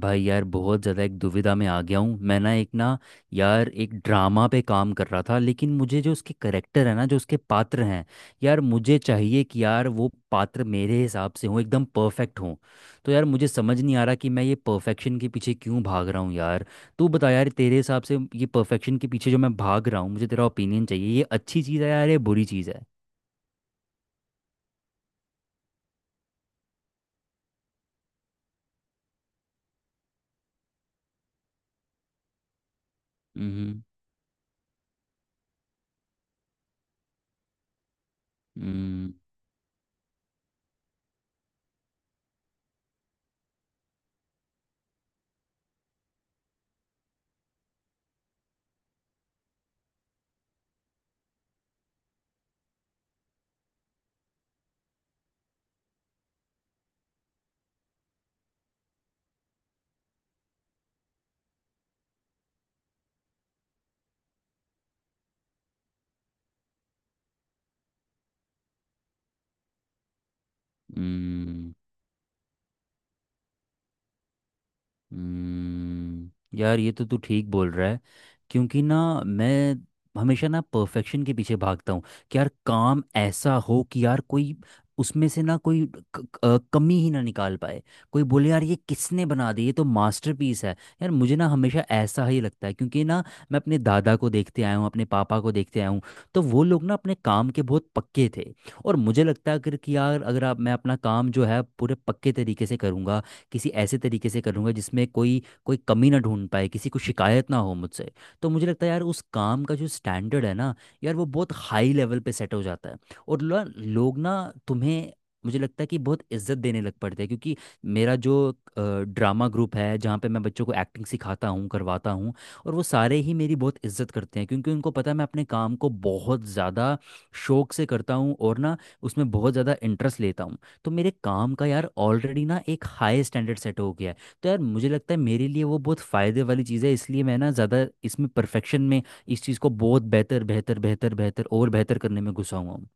भाई यार बहुत ज़्यादा एक दुविधा में आ गया हूँ। मैं ना एक ना यार एक ड्रामा पे काम कर रहा था, लेकिन मुझे जो उसके करेक्टर है ना, जो उसके पात्र हैं, यार मुझे चाहिए कि यार वो पात्र मेरे हिसाब से हों, एकदम परफेक्ट हों। तो यार मुझे समझ नहीं आ रहा कि मैं ये परफेक्शन के पीछे क्यों भाग रहा हूँ यार। तू बता यार, तेरे हिसाब से ये परफेक्शन के पीछे जो मैं भाग रहा हूँ, मुझे तेरा ओपिनियन चाहिए। ये अच्छी चीज़ है यार, ये बुरी चीज़ है? हम्म हम्म हम्म हम्म। यार ये तो तू ठीक बोल रहा है। क्योंकि ना मैं हमेशा ना परफेक्शन के पीछे भागता हूँ कि यार काम ऐसा हो कि यार कोई उसमें से ना कोई कमी ही ना निकाल पाए। कोई बोले यार ये किसने बना दी, ये तो मास्टरपीस है। यार मुझे ना हमेशा ऐसा ही लगता है, क्योंकि ना मैं अपने दादा को देखते आया हूँ, अपने पापा को देखते आया हूँ। तो वो लोग ना अपने काम के बहुत पक्के थे। और मुझे लगता है अगर कि यार, अगर आप, मैं अपना काम जो है पूरे पक्के तरीके से करूँगा, किसी ऐसे तरीके से करूँगा जिसमें कोई कोई कमी ना ढूंढ पाए, किसी को शिकायत ना हो मुझसे, तो मुझे लगता है यार उस काम का जो स्टैंडर्ड है ना, यार वो बहुत हाई लेवल पे सेट हो जाता है। और लोग ना तुम्हें, मुझे लगता है कि बहुत इज्जत देने लग पड़ते हैं। क्योंकि मेरा जो ड्रामा ग्रुप है, जहाँ पे मैं बच्चों को एक्टिंग सिखाता हूँ, करवाता हूँ, और वो सारे ही मेरी बहुत इज्जत करते हैं, क्योंकि उनको पता है मैं अपने काम को बहुत ज़्यादा शौक से करता हूँ और ना उसमें बहुत ज़्यादा इंटरेस्ट लेता हूँ। तो मेरे काम का यार ऑलरेडी ना एक हाई स्टैंडर्ड सेट हो गया है। तो यार मुझे लगता है मेरे लिए वो बहुत फ़ायदे वाली चीज़ है, इसलिए मैं ना ज़्यादा इसमें परफेक्शन में, इस चीज़ को बहुत बेहतर बेहतर बेहतर बेहतर और बेहतर करने में घुसा हुआ हूँ।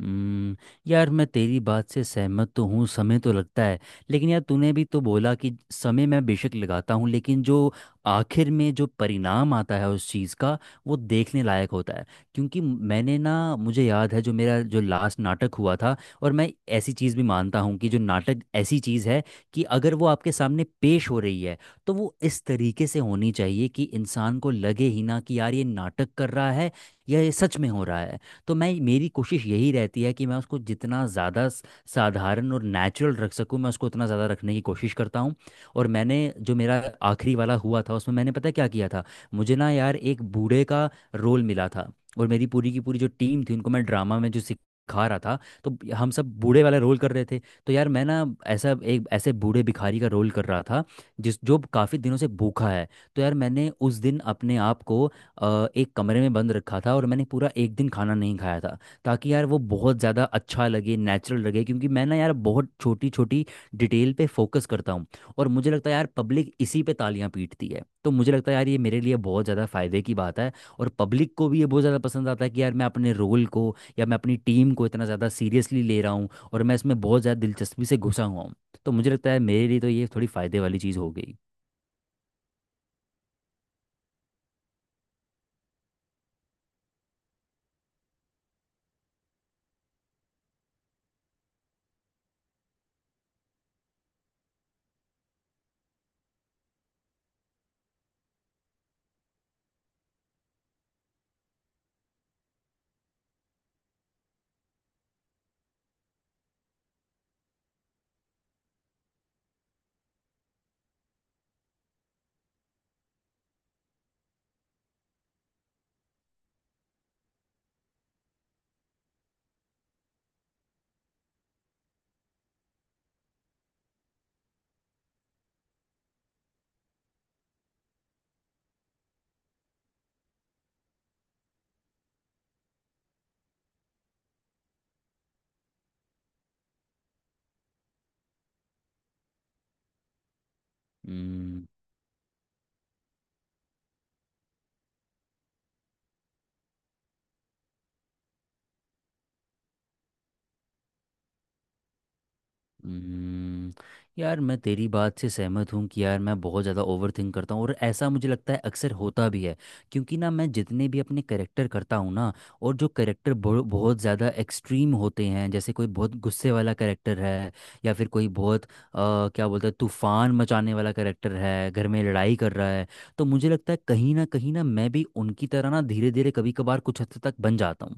हम्म। यार मैं तेरी बात से सहमत तो हूँ, समय तो लगता है, लेकिन यार तूने भी तो बोला कि समय मैं बेशक लगाता हूँ, लेकिन जो आखिर में जो परिणाम आता है उस चीज़ का, वो देखने लायक होता है। क्योंकि मैंने ना, मुझे याद है जो मेरा जो लास्ट नाटक हुआ था, और मैं ऐसी चीज़ भी मानता हूँ कि जो नाटक ऐसी चीज़ है कि अगर वो आपके सामने पेश हो रही है, तो वो इस तरीके से होनी चाहिए कि इंसान को लगे ही ना कि यार ये नाटक कर रहा है या ये सच में हो रहा है। तो मैं, मेरी कोशिश यही रहती है कि मैं उसको जितना ज़्यादा साधारण और नेचुरल रख सकूँ, मैं उसको उतना ज़्यादा रखने की कोशिश करता हूँ। और मैंने जो मेरा आखिरी वाला हुआ था, उसमें मैंने पता है क्या किया था। मुझे ना यार एक बूढ़े का रोल मिला था, और मेरी पूरी की पूरी जो टीम थी, उनको मैं ड्रामा में जो सिखा रहा था, तो हम सब बूढ़े वाला रोल कर रहे थे। तो यार मैं ना ऐसा, एक ऐसे बूढ़े भिखारी का रोल कर रहा था जिस, जो काफ़ी दिनों से भूखा है। तो यार मैंने उस दिन अपने आप को एक कमरे में बंद रखा था और मैंने पूरा एक दिन खाना नहीं खाया था, ताकि यार वो बहुत ज़्यादा अच्छा लगे, नेचुरल लगे। क्योंकि मैं ना यार बहुत छोटी छोटी डिटेल पे फोकस करता हूँ। और मुझे लगता है यार पब्लिक इसी पे तालियां पीटती है, तो मुझे लगता है यार ये मेरे लिए बहुत ज़्यादा फ़ायदे की बात है। और पब्लिक को भी ये बहुत ज़्यादा पसंद आता है कि यार मैं अपने रोल को या मैं अपनी टीम को इतना ज़्यादा सीरियसली ले रहा हूँ और मैं इसमें बहुत ज़्यादा दिलचस्पी से घुसा हुआ हूँ। तो मुझे लगता है मेरे लिए तो ये थोड़ी फ़ायदे वाली चीज़ हो गई। हम्म। हम्म, यार मैं तेरी बात से सहमत हूँ कि यार मैं बहुत ज़्यादा ओवर थिंक करता हूँ, और ऐसा मुझे लगता है अक्सर होता भी है। क्योंकि ना मैं जितने भी अपने करेक्टर करता हूँ ना, और जो करेक्टर बहुत ज़्यादा एक्सट्रीम होते हैं, जैसे कोई बहुत गुस्से वाला करेक्टर है, या फिर कोई बहुत क्या बोलते हैं, तूफान मचाने वाला करेक्टर है, घर में लड़ाई कर रहा है, तो मुझे लगता है कहीं ना मैं भी उनकी तरह ना धीरे धीरे कभी कभार कुछ हद तक बन जाता हूँ।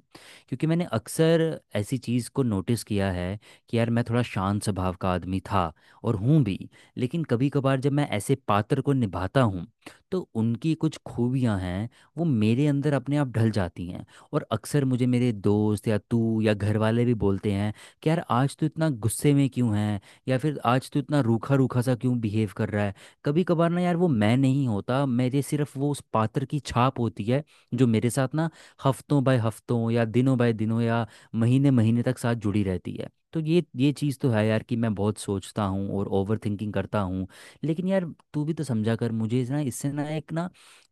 क्योंकि मैंने अक्सर ऐसी चीज़ को नोटिस किया है कि यार मैं थोड़ा शांत स्वभाव का आदमी था और हूँ भी, लेकिन कभी कभार जब मैं ऐसे पात्र को निभाता हूँ, तो उनकी कुछ खूबियाँ हैं, वो मेरे अंदर अपने आप ढल जाती हैं। और अक्सर मुझे मेरे दोस्त या तू या घर वाले भी बोलते हैं कि यार आज तू इतना गुस्से में क्यों है, या फिर आज तू इतना रूखा रूखा सा क्यों बिहेव कर रहा है। कभी कभार ना यार वो मैं नहीं होता, मेरे सिर्फ वो उस पात्र की छाप होती है जो मेरे साथ ना हफ्तों बाय हफ्तों या दिनों बाय दिनों या महीने महीने तक साथ जुड़ी रहती है। तो ये चीज़ तो है यार कि मैं बहुत सोचता हूँ और ओवर थिंकिंग करता हूँ। लेकिन यार तू भी तो समझा कर मुझे ना, इससे ना एक ना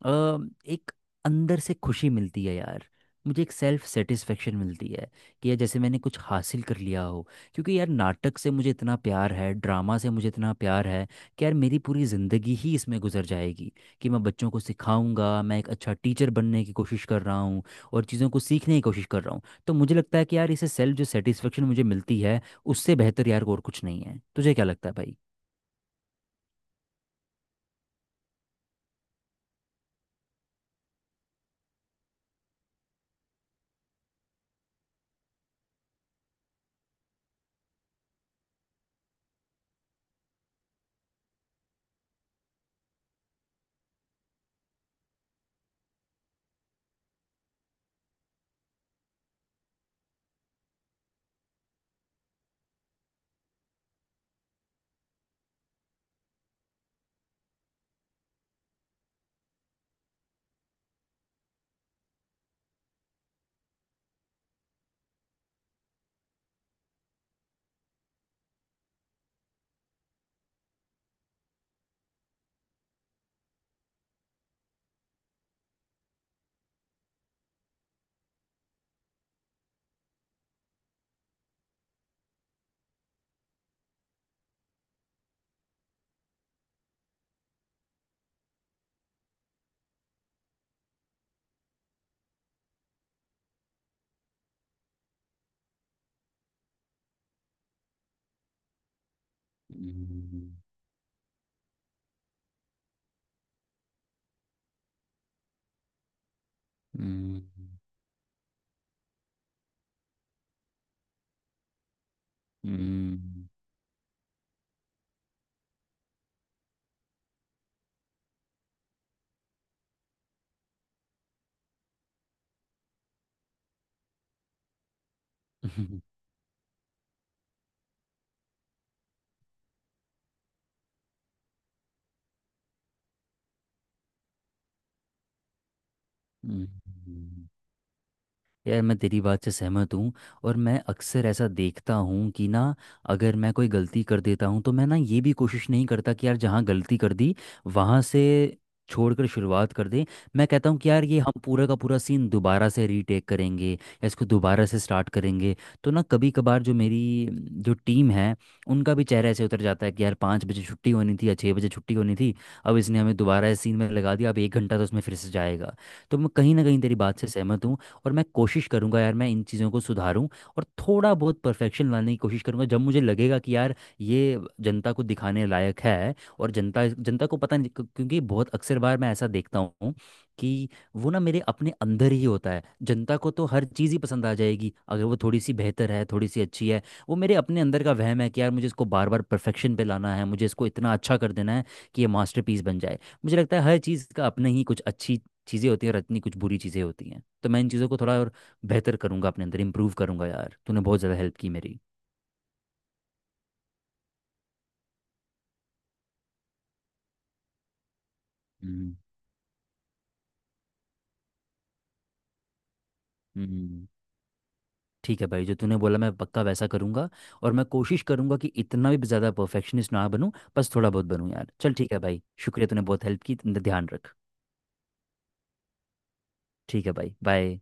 अ, एक अंदर से खुशी मिलती है यार, मुझे एक सेल्फ सेटिस्फेक्शन मिलती है, कि यार जैसे मैंने कुछ हासिल कर लिया हो। क्योंकि यार नाटक से मुझे इतना प्यार है, ड्रामा से मुझे इतना प्यार है कि यार मेरी पूरी ज़िंदगी ही इसमें गुजर जाएगी। कि मैं बच्चों को सिखाऊंगा, मैं एक अच्छा टीचर बनने की कोशिश कर रहा हूँ और चीज़ों को सीखने की कोशिश कर रहा हूँ। तो मुझे लगता है कि यार इसे सेल्फ जो सेटिस्फेक्शन मुझे मिलती है, उससे बेहतर यार और कुछ नहीं है। तुझे क्या लगता है भाई? हम्म, हम्म हम्म हम्म, हम्म। यार मैं तेरी बात से सहमत हूँ। और मैं अक्सर ऐसा देखता हूँ कि ना, अगर मैं कोई गलती कर देता हूँ, तो मैं ना ये भी कोशिश नहीं करता कि यार जहाँ गलती कर दी, वहाँ से छोड़कर शुरुआत कर दें। मैं कहता हूँ कि यार ये हम पूरा का पूरा सीन दोबारा से रीटेक करेंगे या इसको दोबारा से स्टार्ट करेंगे। तो ना कभी कभार जो मेरी जो टीम है, उनका भी चेहरा ऐसे उतर जाता है कि यार पाँच बजे छुट्टी होनी थी या छः बजे छुट्टी होनी थी, अब इसने हमें दोबारा इस सीन में लगा दिया, अब एक घंटा तो उसमें फिर से जाएगा। तो मैं कहीं ना कहीं तेरी बात से सहमत हूँ। और मैं कोशिश करूंगा यार मैं इन चीज़ों को सुधारूं, और थोड़ा बहुत परफेक्शन लाने की कोशिश करूंगा जब मुझे लगेगा कि यार ये जनता को दिखाने लायक है। और जनता जनता को पता नहीं क्यों- क्योंकि बहुत अक्सर बार मैं ऐसा देखता हूँ कि वो ना मेरे अपने अंदर ही होता है। जनता को तो हर चीज़ ही पसंद आ जाएगी, अगर वो थोड़ी सी बेहतर है, थोड़ी सी अच्छी है। वो मेरे अपने अंदर का वहम है कि यार मुझे इसको बार बार परफेक्शन पे लाना है, मुझे इसको इतना अच्छा कर देना है कि ये मास्टरपीस बन जाए। मुझे लगता है हर चीज़ का अपने ही कुछ अच्छी चीज़ें होती हैं और इतनी कुछ बुरी चीज़ें होती हैं, तो मैं इन चीज़ों को थोड़ा और बेहतर करूँगा, अपने अंदर इम्प्रूव करूँगा। यार तूने बहुत ज़्यादा हेल्प की मेरी। हम्म हम्म, ठीक है भाई, जो तूने बोला मैं पक्का वैसा करूँगा। और मैं कोशिश करूँगा कि इतना भी ज़्यादा परफेक्शनिस्ट ना बनूँ, बस थोड़ा बहुत बनूँ। यार चल ठीक है भाई, शुक्रिया, तूने बहुत हेल्प की। अपना ध्यान रख। ठीक है भाई बाय।